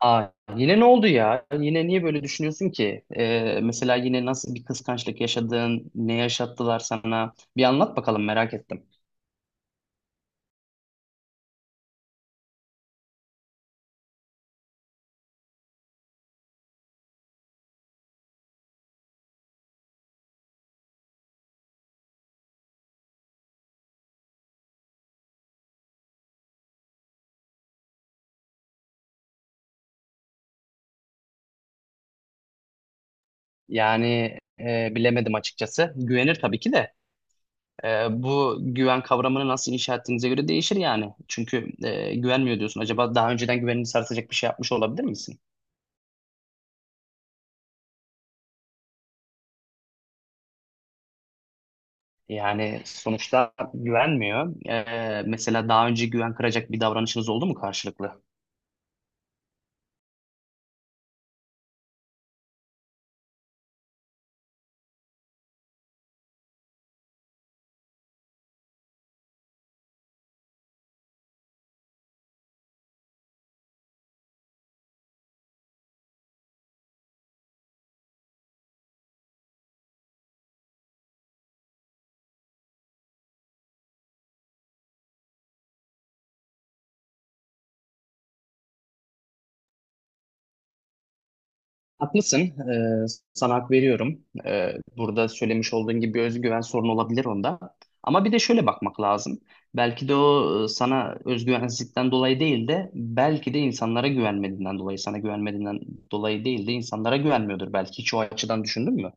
Aa, yine ne oldu ya? Yine niye böyle düşünüyorsun ki? Mesela yine nasıl bir kıskançlık yaşadın? Ne yaşattılar sana? Bir anlat bakalım merak ettim. Yani bilemedim açıkçası. Güvenir tabii ki de. Bu güven kavramını nasıl inşa ettiğinize göre değişir yani. Çünkü güvenmiyor diyorsun. Acaba daha önceden güvenini sarsacak bir şey yapmış olabilir misin? Yani sonuçta güvenmiyor. Mesela daha önce güven kıracak bir davranışınız oldu mu karşılıklı? Haklısın. Ee, Sana hak veriyorum. Burada söylemiş olduğun gibi bir özgüven sorunu olabilir onda. Ama bir de şöyle bakmak lazım. Belki de o sana özgüvensizlikten dolayı değil de belki de insanlara güvenmediğinden dolayı, sana güvenmediğinden dolayı değil de insanlara güvenmiyordur. Belki hiç o açıdan düşündün mü?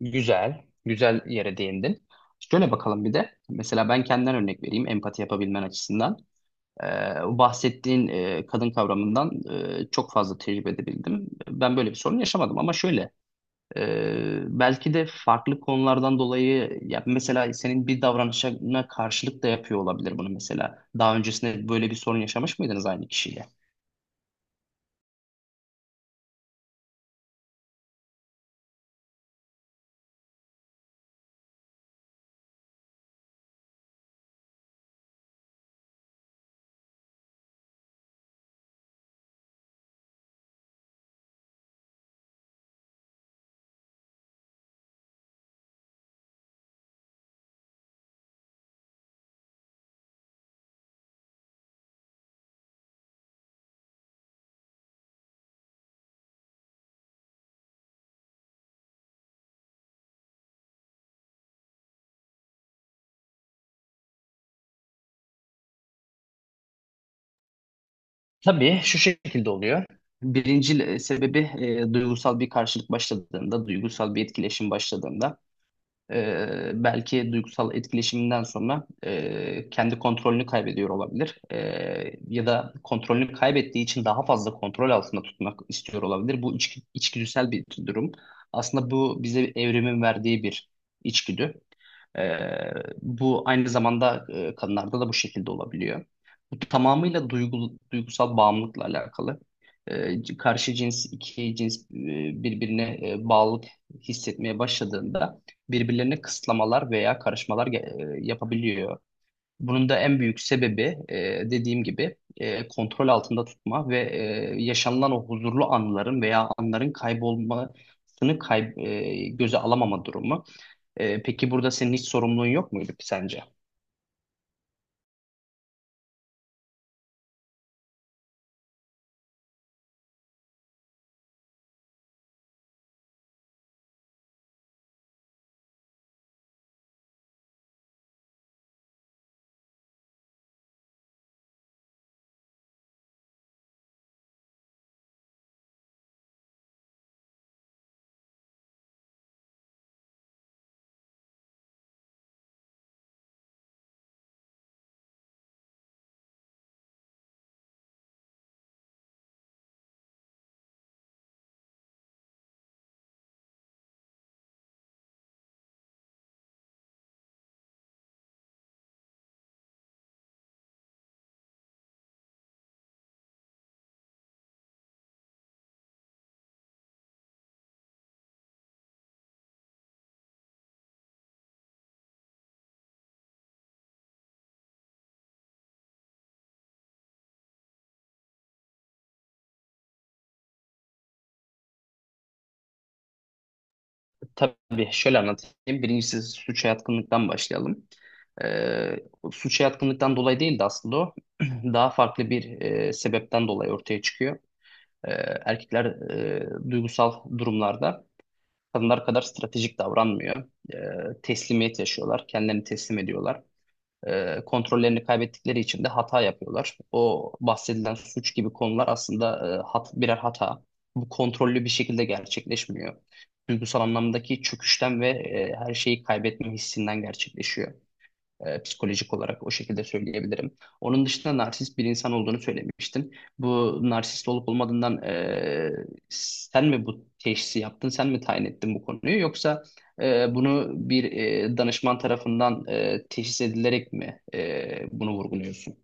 Güzel, güzel yere değindin. Şöyle bakalım bir de. Mesela ben kendimden örnek vereyim empati yapabilmen açısından. O bahsettiğin kadın kavramından çok fazla tecrübe edebildim. Ben böyle bir sorun yaşamadım ama şöyle e, belki de farklı konulardan dolayı ya mesela senin bir davranışına karşılık da yapıyor olabilir bunu mesela. Daha öncesinde böyle bir sorun yaşamış mıydınız aynı kişiyle? Tabii şu şekilde oluyor. Birinci sebebi duygusal bir karşılık başladığında, duygusal bir etkileşim başladığında belki duygusal etkileşiminden sonra kendi kontrolünü kaybediyor olabilir. Ya da kontrolünü kaybettiği için daha fazla kontrol altında tutmak istiyor olabilir. Bu içgüdüsel bir durum. Aslında bu bize evrimin verdiği bir içgüdü. Ee, Bu aynı zamanda kadınlarda da bu şekilde olabiliyor. Bu tamamıyla duygusal bağımlılıkla alakalı. Karşı cins, iki cins birbirine bağlılık hissetmeye başladığında birbirlerine kısıtlamalar veya karışmalar yapabiliyor. Bunun da en büyük sebebi e, dediğim gibi kontrol altında tutma ve yaşanılan o huzurlu anların veya anların kaybolmasını göze alamama durumu. Peki burada senin hiç sorumluluğun yok muydu ki sence? Tabii şöyle anlatayım. Birincisi suça yatkınlıktan başlayalım. Ee, Suça yatkınlıktan dolayı değil de aslında o daha farklı bir sebepten dolayı ortaya çıkıyor. Ee, Erkekler duygusal durumlarda kadınlar kadar stratejik davranmıyor. Teslimiyet yaşıyorlar, kendilerini teslim ediyorlar. Kontrollerini kaybettikleri için de hata yapıyorlar. O bahsedilen suç gibi konular aslında birer hata. Bu kontrollü bir şekilde gerçekleşmiyor. Duygusal anlamdaki çöküşten ve her şeyi kaybetme hissinden gerçekleşiyor. Psikolojik olarak o şekilde söyleyebilirim. Onun dışında narsist bir insan olduğunu söylemiştin. Bu narsist olup olmadığından sen mi bu teşhisi yaptın, sen mi tayin ettin bu konuyu yoksa bunu bir danışman tarafından teşhis edilerek mi bunu vurguluyorsun?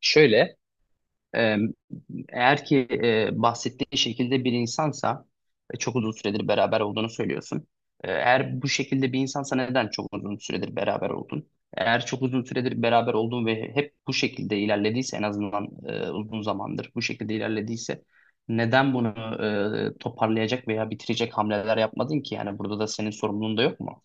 Şöyle, Ee, Eğer ki bahsettiğin şekilde bir insansa ve çok uzun süredir beraber olduğunu söylüyorsun. Eğer bu şekilde bir insansa neden çok uzun süredir beraber oldun? Eğer çok uzun süredir beraber oldun ve hep bu şekilde ilerlediyse en azından uzun zamandır bu şekilde ilerlediyse neden bunu toparlayacak veya bitirecek hamleler yapmadın ki? Yani burada da senin sorumluluğun da yok mu?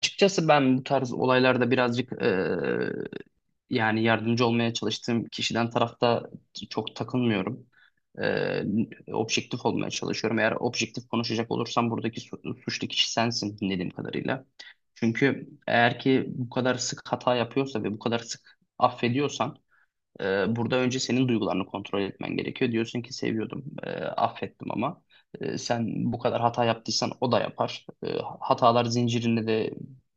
Açıkçası ben bu tarz olaylarda birazcık yani yardımcı olmaya çalıştığım kişiden tarafta çok takılmıyorum. Eee, Objektif olmaya çalışıyorum. Eğer objektif konuşacak olursam buradaki suçlu kişi sensin dinlediğim kadarıyla. Çünkü eğer ki bu kadar sık hata yapıyorsa ve bu kadar sık affediyorsan burada önce senin duygularını kontrol etmen gerekiyor. Diyorsun ki seviyordum, affettim ama sen bu kadar hata yaptıysan o da yapar. Hatalar zincirini de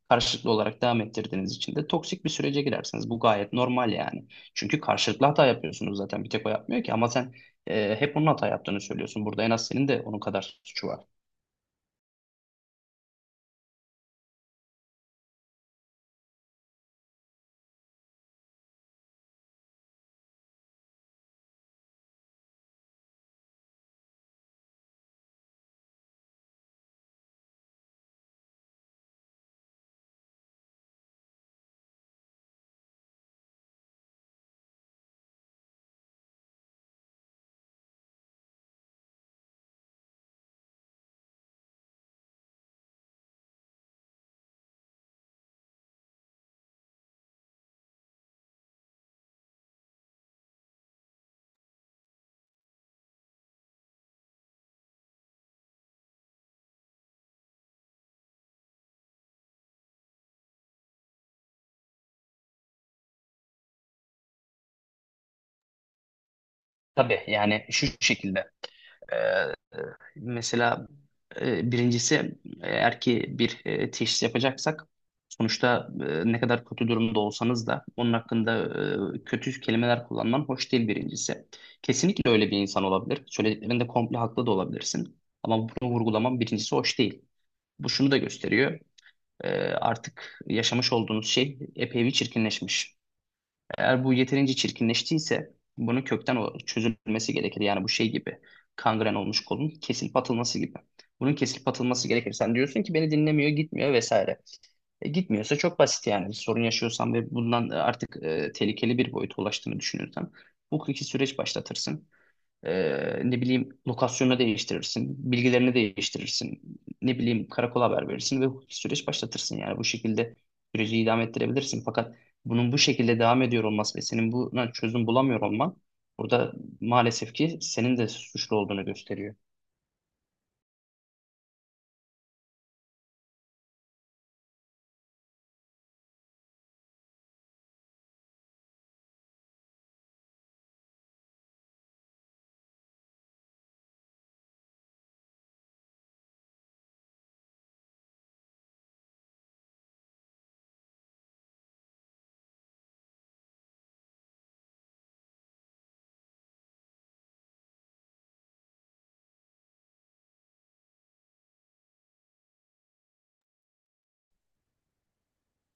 karşılıklı olarak devam ettirdiğiniz için de toksik bir sürece girersiniz. Bu gayet normal yani. Çünkü karşılıklı hata yapıyorsunuz zaten. Bir tek o yapmıyor ki ama sen hep onun hata yaptığını söylüyorsun. Burada en az senin de onun kadar suçu var. Tabii yani şu şekilde. Mesela birincisi eğer ki bir teşhis yapacaksak sonuçta ne kadar kötü durumda olsanız da onun hakkında kötü kelimeler kullanman hoş değil birincisi. Kesinlikle öyle bir insan olabilir. Söylediklerinde komple haklı da olabilirsin. Ama bunu vurgulaman birincisi hoş değil. Bu şunu da gösteriyor. Artık yaşamış olduğunuz şey epey bir çirkinleşmiş. Eğer bu yeterince çirkinleştiyse bunun kökten çözülmesi gerekir. Yani bu şey gibi kangren olmuş kolun kesilip atılması gibi. Bunun kesilip atılması gerekir. Sen diyorsun ki beni dinlemiyor, gitmiyor vesaire. Gitmiyorsa çok basit yani. Bir sorun yaşıyorsan ve bundan artık tehlikeli bir boyuta ulaştığını düşünürsen bu hukuki süreç başlatırsın. Ne bileyim lokasyonu değiştirirsin, bilgilerini değiştirirsin, ne bileyim karakola haber verirsin ve hukuki süreç başlatırsın. Yani bu şekilde süreci idame ettirebilirsin. Fakat bunun bu şekilde devam ediyor olması ve senin buna çözüm bulamıyor olman burada maalesef ki senin de suçlu olduğunu gösteriyor.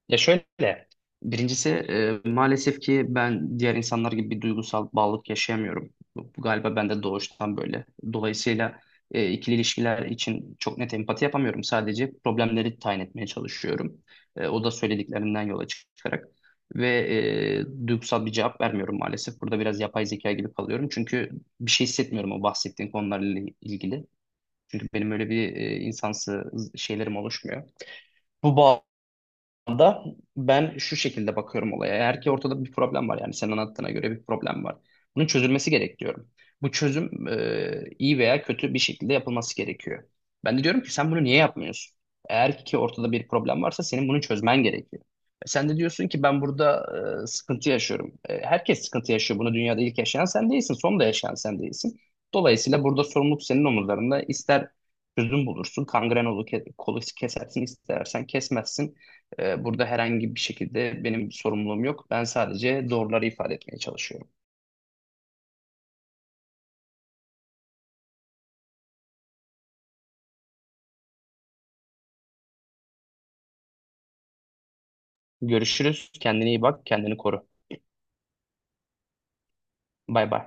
Ya şöyle, birincisi maalesef ki ben diğer insanlar gibi bir duygusal bağlılık yaşayamıyorum. Bu galiba bende doğuştan böyle. Dolayısıyla ikili ilişkiler için çok net empati yapamıyorum. Sadece problemleri tayin etmeye çalışıyorum. O da söylediklerinden yola çıkarak. Ve duygusal bir cevap vermiyorum maalesef. Burada biraz yapay zeka gibi kalıyorum. Çünkü bir şey hissetmiyorum o bahsettiğin konularla ilgili. Çünkü benim öyle bir insansı şeylerim oluşmuyor. Bu anda ben şu şekilde bakıyorum olaya. Eğer ki ortada bir problem var yani senin anlattığına göre bir problem var. Bunun çözülmesi gerek diyorum. Bu çözüm iyi veya kötü bir şekilde yapılması gerekiyor. Ben de diyorum ki sen bunu niye yapmıyorsun? Eğer ki ortada bir problem varsa senin bunu çözmen gerekiyor. Sen de diyorsun ki ben burada sıkıntı yaşıyorum. Herkes sıkıntı yaşıyor. Bunu dünyada ilk yaşayan sen değilsin, son da yaşayan sen değilsin. Dolayısıyla burada sorumluluk senin omuzlarında. İster çözüm bulursun, kangren olur, kolu kesersin, istersen kesmezsin. Burada herhangi bir şekilde benim sorumluluğum yok. Ben sadece doğruları ifade etmeye çalışıyorum. Görüşürüz. Kendine iyi bak. Kendini koru. Bay bay.